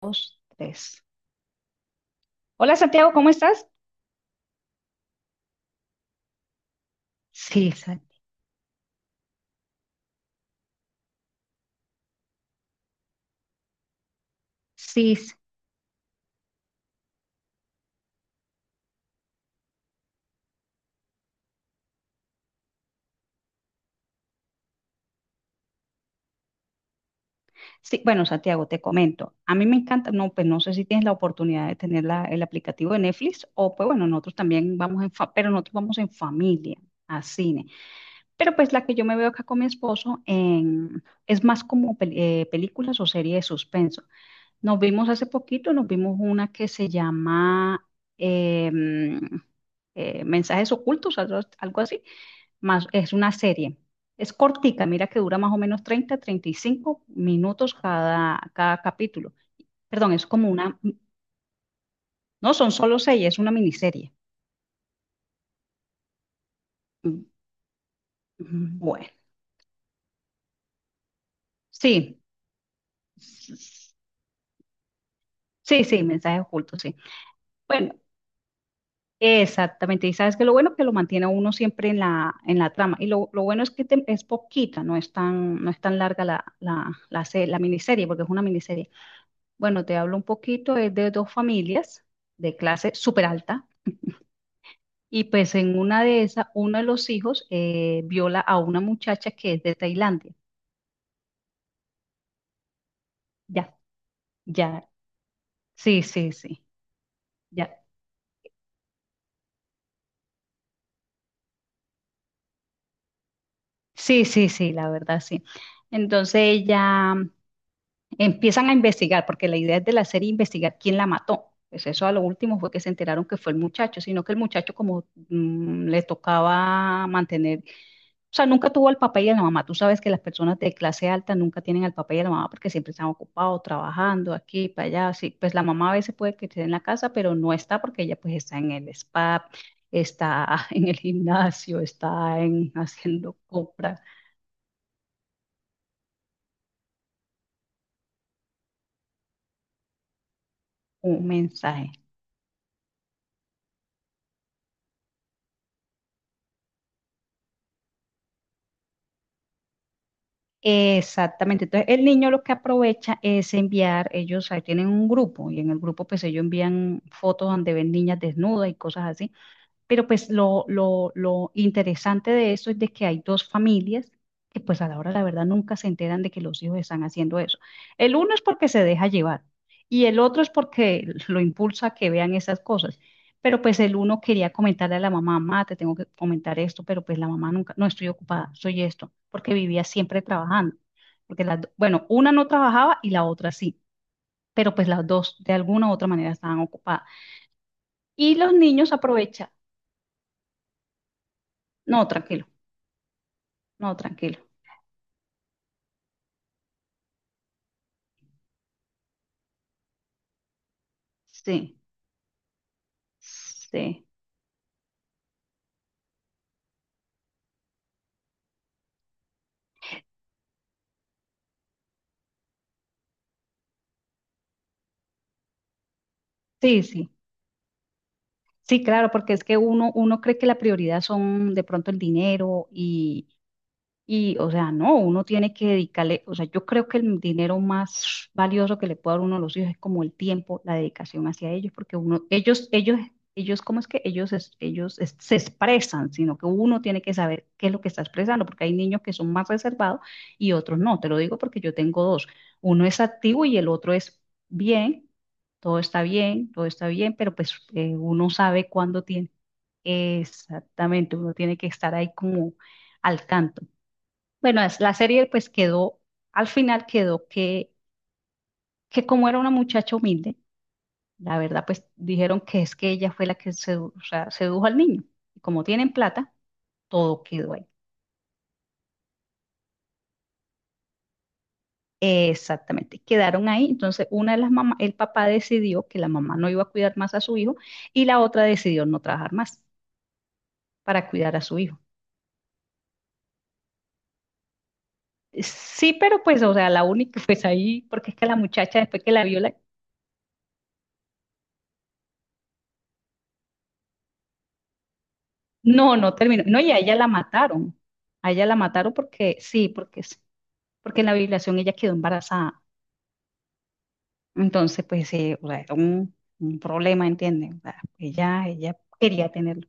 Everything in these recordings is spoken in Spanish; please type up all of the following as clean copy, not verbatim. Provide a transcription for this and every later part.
Dos, tres. Hola Santiago, ¿cómo estás? Sí, sí, sí. Sí, bueno Santiago, te comento. A mí me encanta, no, pues no sé si tienes la oportunidad de tener el aplicativo de Netflix o pues bueno, nosotros también pero nosotros vamos en familia a cine. Pero pues la que yo me veo acá con mi esposo es más como películas o series de suspenso. Nos vimos hace poquito, nos vimos una que se llama em, Mensajes Ocultos, algo así. Más, es una serie. Es cortica, mira que dura más o menos treinta y cinco minutos cada capítulo. Perdón, es como una, no son solo seis, es una miniserie. Mm. Bueno, sí, sí, sí, mensaje oculto, sí. Bueno, exactamente. Y sabes que lo bueno que lo mantiene a uno siempre en la trama. Y lo bueno es que es poquita, no es tan larga la miniserie, porque es una miniserie. Bueno, te hablo un poquito, es de dos familias de clase súper alta. Y pues en una de esas, uno de los hijos viola a una muchacha que es de Tailandia. Ya, ya, sí, sí, sí, ya. Sí, sí, sí, la verdad, sí. Entonces ya empiezan a investigar, porque la idea es de la serie investigar quién la mató. Pues eso a lo último fue que se enteraron que fue el muchacho, sino que el muchacho como le tocaba mantener. O sea, nunca tuvo el papá y la mamá. Tú sabes que las personas de clase alta nunca tienen al papá y a la mamá porque siempre están ocupados, trabajando aquí, para allá. Sí, pues la mamá a veces puede que esté en la casa, pero no está porque ella pues está en el spa, está en el gimnasio, está en haciendo compras, un mensaje. Exactamente. Entonces, el niño lo que aprovecha es enviar, ellos ahí tienen un grupo y en el grupo pues ellos envían fotos donde ven niñas desnudas y cosas así. Pero pues lo interesante de eso es de que hay dos familias que pues a la hora de la verdad nunca se enteran de que los hijos están haciendo eso. El uno es porque se deja llevar y el otro es porque lo impulsa a que vean esas cosas. Pero pues el uno quería comentarle a la mamá, mamá, te tengo que comentar esto, pero pues la mamá nunca, no estoy ocupada, soy esto, porque vivía siempre trabajando. Porque bueno, una no trabajaba y la otra sí, pero pues las dos de alguna u otra manera estaban ocupadas. Y los niños aprovechan, no, tranquilo. No, tranquilo. Sí, sí, sí, sí. Sí, claro, porque es que uno, cree que la prioridad son de pronto el dinero. Y, o sea, no, uno tiene que dedicarle, o sea, yo creo que el dinero más valioso que le puede dar uno a los hijos es como el tiempo, la dedicación hacia ellos, porque uno, ellos, ¿cómo es que ellos se expresan? Sino que uno tiene que saber qué es lo que está expresando, porque hay niños que son más reservados y otros no. Te lo digo porque yo tengo dos. Uno es activo y el otro es bien, todo está bien, todo está bien, pero pues uno sabe cuándo tiene. Exactamente, uno tiene que estar ahí como al tanto. Bueno, la serie pues quedó, al final quedó que como era una muchacha humilde, la verdad pues dijeron que es que ella fue la que o sea, sedujo al niño. Y como tienen plata, todo quedó ahí. Exactamente, quedaron ahí. Entonces una de las mamás, el papá decidió que la mamá no iba a cuidar más a su hijo y la otra decidió no trabajar más para cuidar a su hijo. Sí, pero pues, o sea, la única pues ahí, porque es que la muchacha después que la vio. No, no terminó. No, y a ella la mataron. A ella la mataron porque, sí, porque, sí, porque en la violación ella quedó embarazada. Entonces, pues, o sea, era un problema, ¿entienden? O sea, ella quería tenerlo.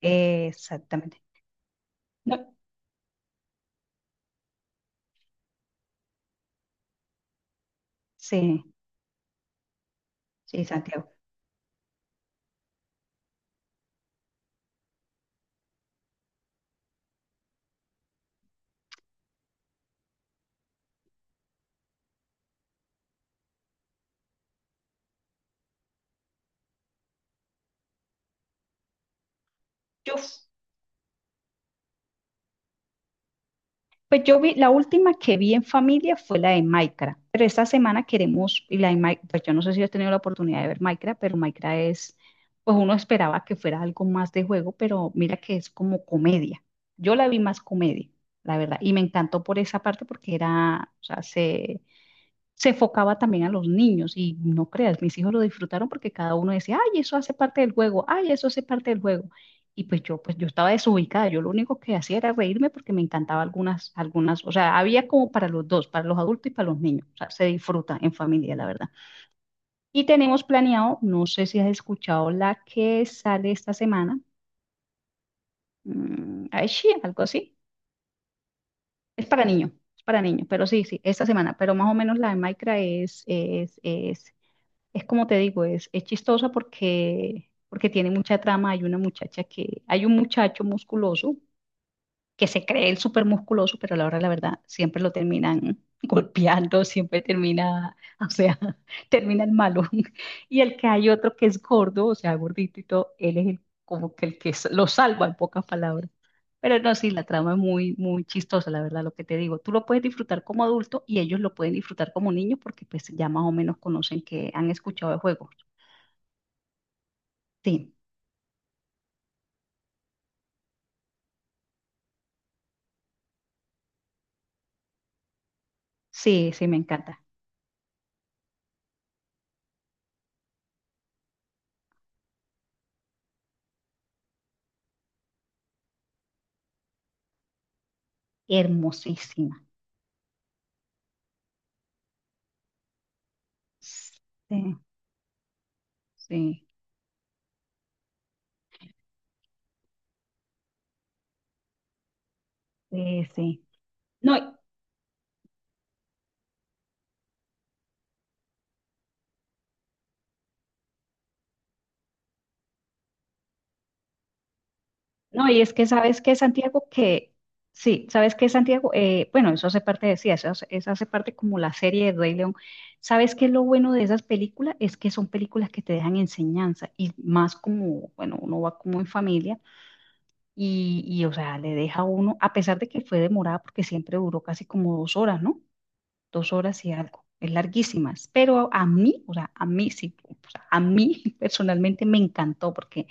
Exactamente. No, sí, sí, Santiago. Yo Pues yo vi, la última que vi en familia fue la de Minecraft, pero esta semana queremos, y la de pues yo no sé si has tenido la oportunidad de ver Minecraft, pero Minecraft es, pues uno esperaba que fuera algo más de juego, pero mira que es como comedia. Yo la vi más comedia, la verdad, y me encantó por esa parte porque era, o sea, se enfocaba también a los niños y no creas, mis hijos lo disfrutaron porque cada uno decía, ay, eso hace parte del juego, ay, eso hace parte del juego. Y pues yo estaba desubicada, yo lo único que hacía era reírme porque me encantaba algunas, o sea, había como para los dos, para los adultos y para los niños, o sea, se disfruta en familia, la verdad. Y tenemos planeado, no sé si has escuchado la que sale esta semana, ay, sí, algo así, es para niños, es para niños, pero sí, sí, esta semana, pero más o menos la de Minecraft es. Es como te digo, es chistosa porque tiene mucha trama. Hay una muchacha que, hay un muchacho musculoso que se cree el súper musculoso, pero a la hora de la verdad siempre lo terminan golpeando, siempre termina, o sea, termina el malo. Y el que hay otro que es gordo, o sea, gordito y todo, él es como que el que lo salva en pocas palabras. Pero no, sí, la trama es muy, muy chistosa, la verdad, lo que te digo. Tú lo puedes disfrutar como adulto y ellos lo pueden disfrutar como niño porque pues ya más o menos conocen que han escuchado de juego. Sí, sí, sí, me encanta. Hermosísima. Sí, sí, sí, sí. No, no, y es que sabes que Santiago, que sí, sabes que Santiago, bueno, eso hace parte, decía, eso hace parte como la serie de Rey León. ¿Sabes que lo bueno de esas películas? Es que son películas que te dejan enseñanza y más como, bueno, uno va como en familia y, o sea, le deja a uno, a pesar de que fue demorada porque siempre duró casi como 2 horas, ¿no? 2 horas y algo, es larguísimas, pero a mí, o sea, a mí sí, o sea, a mí personalmente me encantó porque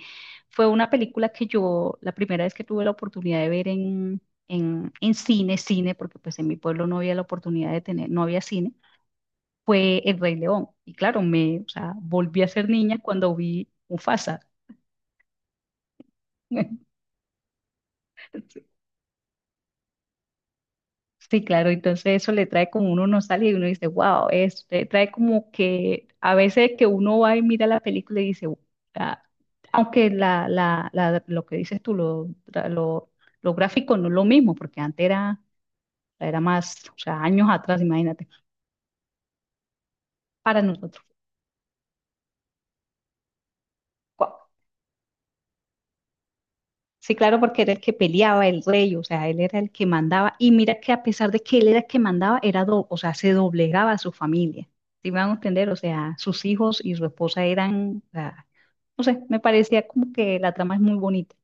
fue una película que yo, la primera vez que tuve la oportunidad de ver en cine, cine, porque pues en mi pueblo no había la oportunidad de tener, no había cine, fue El Rey León. Y claro, o sea, volví a ser niña cuando vi Mufasa. Sí, claro, entonces eso le trae como uno nostalgia y uno dice, wow, le trae como que a veces que uno va y mira la película y dice, "Ah", aunque lo que dices tú, lo gráfico no es lo mismo, porque antes era más, o sea, años atrás, imagínate, para nosotros. Sí, claro, porque era el que peleaba, el rey, o sea, él era el que mandaba. Y mira que a pesar de que él era el que mandaba, o sea, se doblegaba a su familia. ¿Sí me van a entender? O sea, sus hijos y su esposa eran, o sea, no sé, me parecía como que la trama es muy bonita.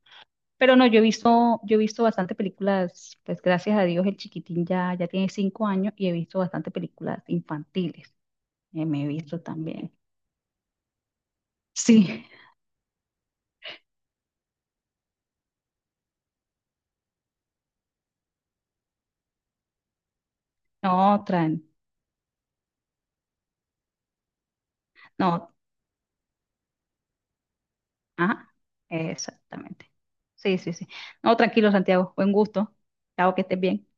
Pero no, yo he visto bastante películas, pues gracias a Dios el chiquitín ya, ya tiene 5 años y he visto bastante películas infantiles. Me he visto también. Sí, no, Tran. No, Ajá, exactamente. Sí, sí, sí. No, tranquilo, Santiago. Buen gusto. Chao, que estés bien.